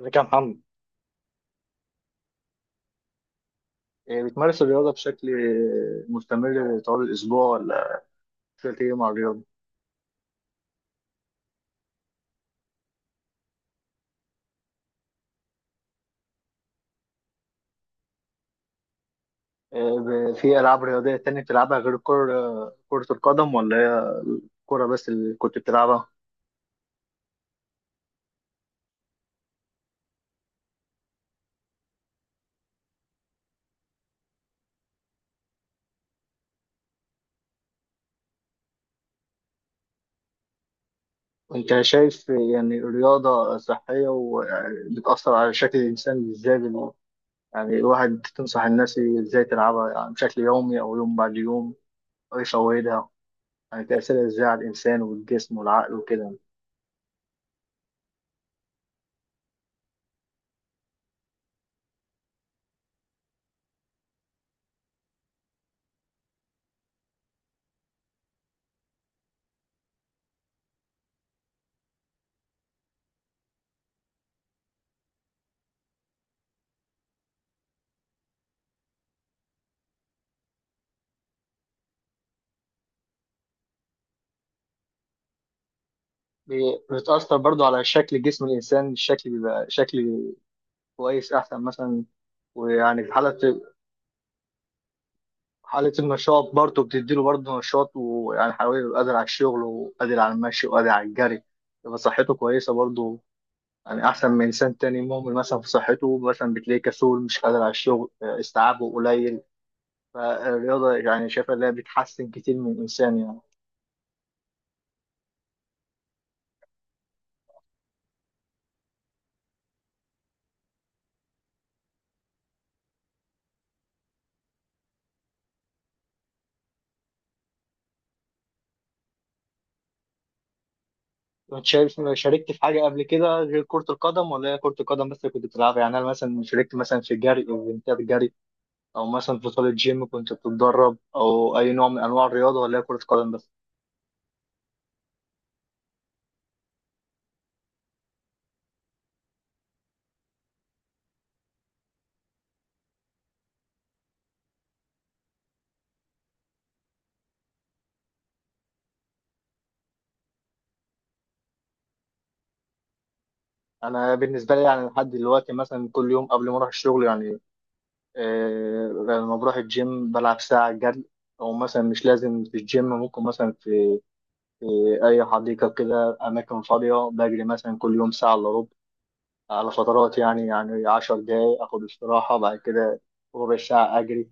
ازيك يا محمد؟ بتمارس الرياضة بشكل مستمر طوال الأسبوع ولا بشكل إيه مع الرياضة؟ في ألعاب رياضية تانية بتلعبها غير كرة القدم ولا هي الكرة بس اللي كنت بتلعبها؟ وأنت شايف يعني الرياضة صحية وبتأثر على شكل الإنسان إزاي؟ يعني الواحد تنصح الناس إزاي تلعبها يعني بشكل يومي أو يوم بعد يوم أو يفوتها، يعني تأثيرها إزاي على الإنسان والجسم والعقل وكده؟ بتأثر برضو على شكل جسم الإنسان، الشكل بيبقى شكل كويس أحسن مثلا، ويعني في حالة النشاط برضو بتديله برضو نشاط، ويعني حيوي يبقى قادر على الشغل وقادر على المشي وقادر على الجري، يبقى صحته كويسة برضو، يعني أحسن من إنسان تاني مهمل مثلا في صحته، مثلا بتلاقيه كسول مش قادر على الشغل، استيعابه قليل. فالرياضة يعني شايفة إنها بتحسن كتير من الإنسان يعني. كنت شايف، شاركت في حاجة قبل كده غير كرة القدم ولا هي كرة القدم بس اللي كنت بتلعبها؟ يعني أنا مثلا شاركت مثلا في الجري أو الاولمبياد الجري، أو مثلا في بطولة جيم كنت بتتدرب، أو أي نوع من أنواع الرياضة ولا هي كرة قدم بس؟ أنا بالنسبة لي يعني لحد دلوقتي مثلا كل يوم قبل ما أروح الشغل يعني، آه لما بروح الجيم بلعب ساعة جري، أو مثلا مش لازم في الجيم، ممكن مثلا في أي حديقة كده أماكن فاضية بجري مثلا كل يوم ساعة إلا ربع، على فترات يعني، يعني 10 دقايق اخد استراحه، بعد كده ربع ساعه اجري.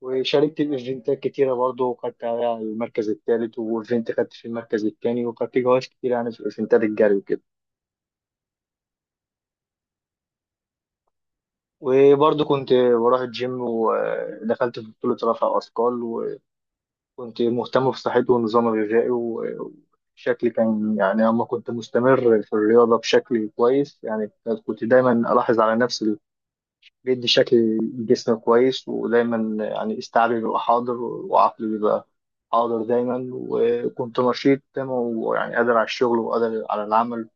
وشاركت ايفنتات كتيره برضه، وخدت عليها المركز الثالث، وايفنت خدت في المركز الثاني، وخدت جوائز كتير يعني في ايفنتات الجري وكده. وبرضه كنت بروح الجيم ودخلت في بطوله رفع اثقال، وكنت مهتم بصحتي والنظام الغذائي وشكلي كان يعني اما كنت مستمر في الرياضه بشكل كويس يعني. كنت دايما الاحظ على نفسي بيدي شكل جسم كويس، ودايما يعني استيعابي بيبقى حاضر وعقلي بيبقى حاضر دايما، وكنت نشيط دايما، ويعني قادر على الشغل وقادر على العمل،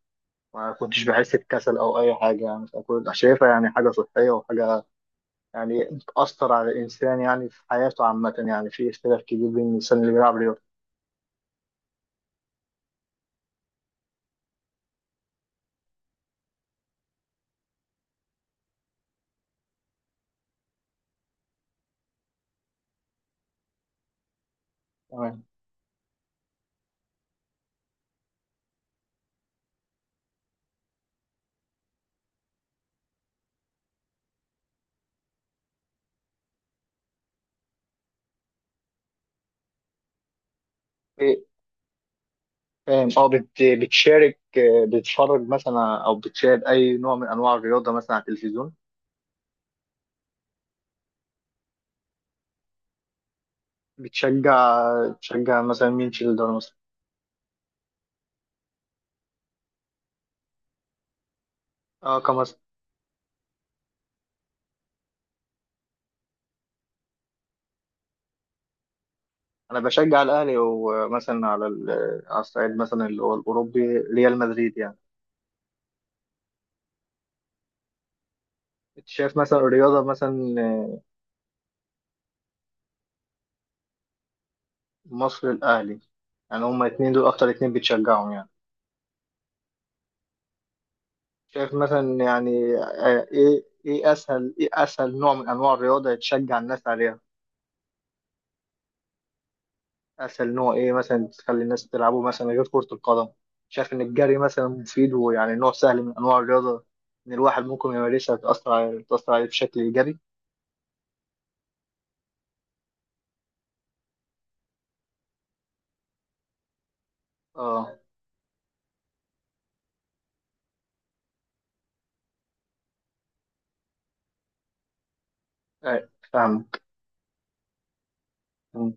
ما كنتش بحس بكسل أو أي حاجة يعني. فكنت شايفها يعني حاجة صحية وحاجة يعني بتأثر على الإنسان يعني في حياته عامة. يعني في اختلاف كبير بين الإنسان اللي بيلعب رياضة. تمام. إيه، فاهم. اه بتشارك، بتتفرج مثلا أو بتشاهد أي نوع من أنواع الرياضة مثلا على التلفزيون؟ بتشجع، تشجع مثلا مين في الدوري مثلا؟ اه كمصر، انا بشجع الاهلي، ومثلا على على الصعيد مثلا اللي هو الاوروبي ريال مدريد يعني. انت شايف مثلا الرياضه مثلا آه،. مصر الاهلي، يعني هما اتنين، دول اكتر اتنين بتشجعهم يعني. شايف مثلا يعني ايه اسهل ايه اسهل نوع من انواع الرياضه يتشجع الناس عليها؟ اسهل نوع ايه مثلا تخلي الناس تلعبه مثلا غير كرة القدم؟ شايف ان الجري مثلا مفيد، ويعني نوع سهل من انواع الرياضة، ان الواحد ممكن يمارسها، تأثر عليه، تأثر عليه بشكل ايجابي؟ اه. فاهمك. م.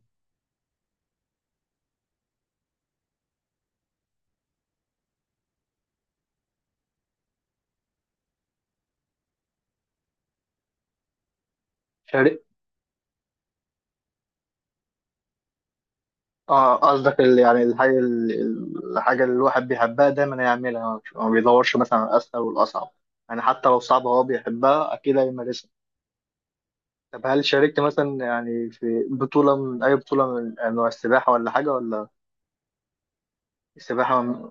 شارك. اه قصدك يعني الحاجة اللي الواحد بيحبها دايما هيعملها، ما بيدورش مثلا على الاسهل والاصعب، يعني حتى لو صعبة هو بيحبها اكيد هيمارسها. طب هل شاركت مثلا يعني في بطولة، من أي بطولة من أنواع السباحة ولا حاجة ولا؟ السباحة.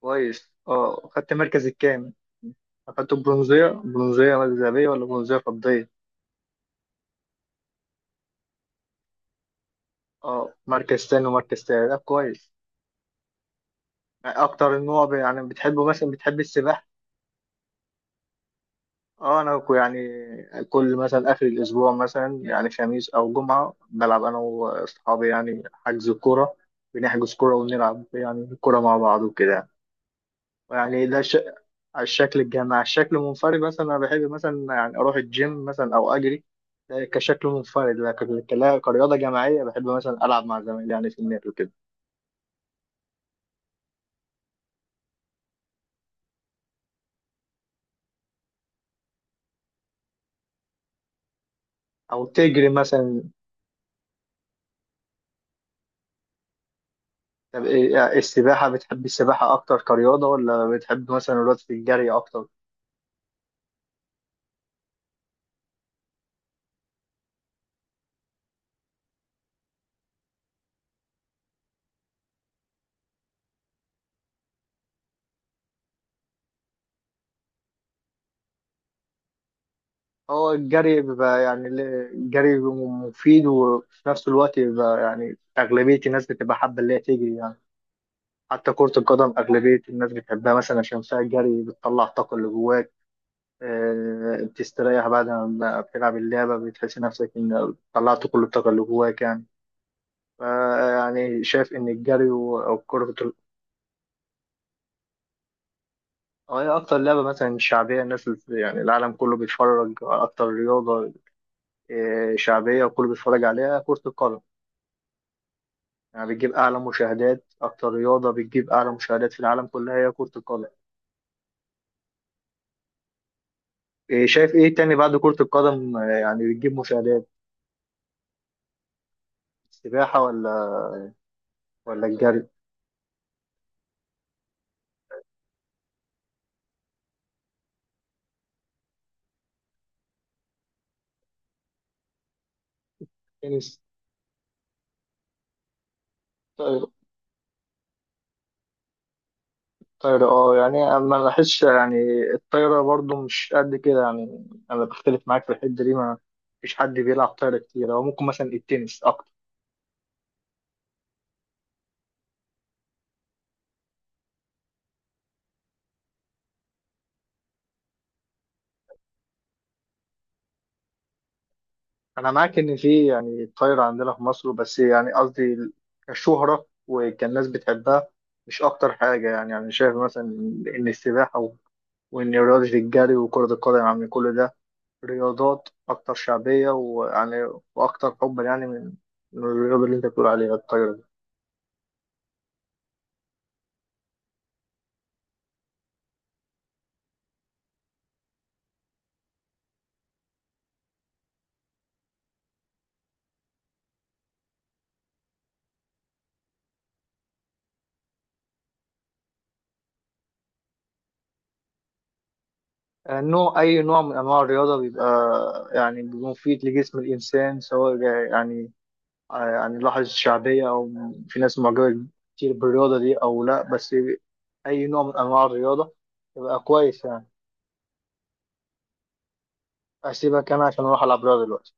كويس. اه خدت مركز الكام؟ خدت برونزية؟ برونزية ذهبية ولا برونزية فضية؟ اه مركز تاني ومركز تالت، طب كويس. يعني اكتر النوع يعني بتحبه مثلا بتحب السباحة؟ اه انا يعني كل مثلا اخر الاسبوع مثلا يعني خميس او جمعة بلعب انا واصحابي، يعني حجز كورة، بنحجز كورة ونلعب يعني كورة مع بعض وكده. يعني ده على الشكل الجماعي. على الشكل المنفرد مثلا انا بحب مثلا يعني اروح الجيم مثلا او اجري، ده كشكل منفرد، لكن كرياضه جماعيه بحب مثلا العب مع زمايلي يعني في النادي وكده. او تجري مثلا. طب يعني السباحه، بتحب السباحه اكتر كرياضه ولا بتحب مثلا الرياضه في الجري اكتر؟ هو الجري بيبقى يعني الجري بيبقى مفيد، وفي نفس الوقت بيبقى يعني أغلبية الناس بتبقى حابة اللي هي تجري يعني. حتى كرة القدم أغلبية الناس بتحبها مثلا عشان فيها الجري، بتطلع الطاقة اللي جواها، بتستريح بعد ما بتلعب اللعبة، بتحس نفسك إن طلعت كل الطاقة اللي جواك يعني. فا يعني شايف إن الجري أو كرة أو هي أكتر لعبة مثلا شعبية، الناس يعني العالم كله بيتفرج على أكتر رياضة، شعبية وكله بيتفرج عليها كرة القدم، يعني بتجيب أعلى مشاهدات، أكتر رياضة بتجيب أعلى مشاهدات في العالم كلها هي كرة القدم. شايف إيه تاني بعد كرة القدم يعني بتجيب مشاهدات؟ السباحة ولا ولا الجري؟ تنس. الطايرة اه يعني انا ما لاحظش يعني الطايرة برضو مش قد كده يعني. انا بختلف معاك في الحتة دي، ما فيش حد بيلعب طايرة كتير، هو ممكن مثلا التنس اكتر. انا معاك ان في يعني طايرة عندنا في مصر، بس يعني قصدي كشهرة وكان الناس بتحبها مش اكتر حاجة. يعني انا شايف مثلا ان السباحة وان رياضة الجري وكرة القدم يعني كل ده رياضات اكتر شعبية، ويعني واكتر حبا يعني من من الرياضة اللي انت بتقول عليها الطايرة. نوع أي نوع من أنواع الرياضة بيبقى يعني بيبقى مفيد لجسم الإنسان، سواء يعني يعني لاحظ الشعبية أو في ناس معجبة كتير بالرياضة دي أو لأ، بس أي نوع من أنواع الرياضة بيبقى كويس يعني. أسيبك أنا عشان أروح ألعب رياضة دلوقتي.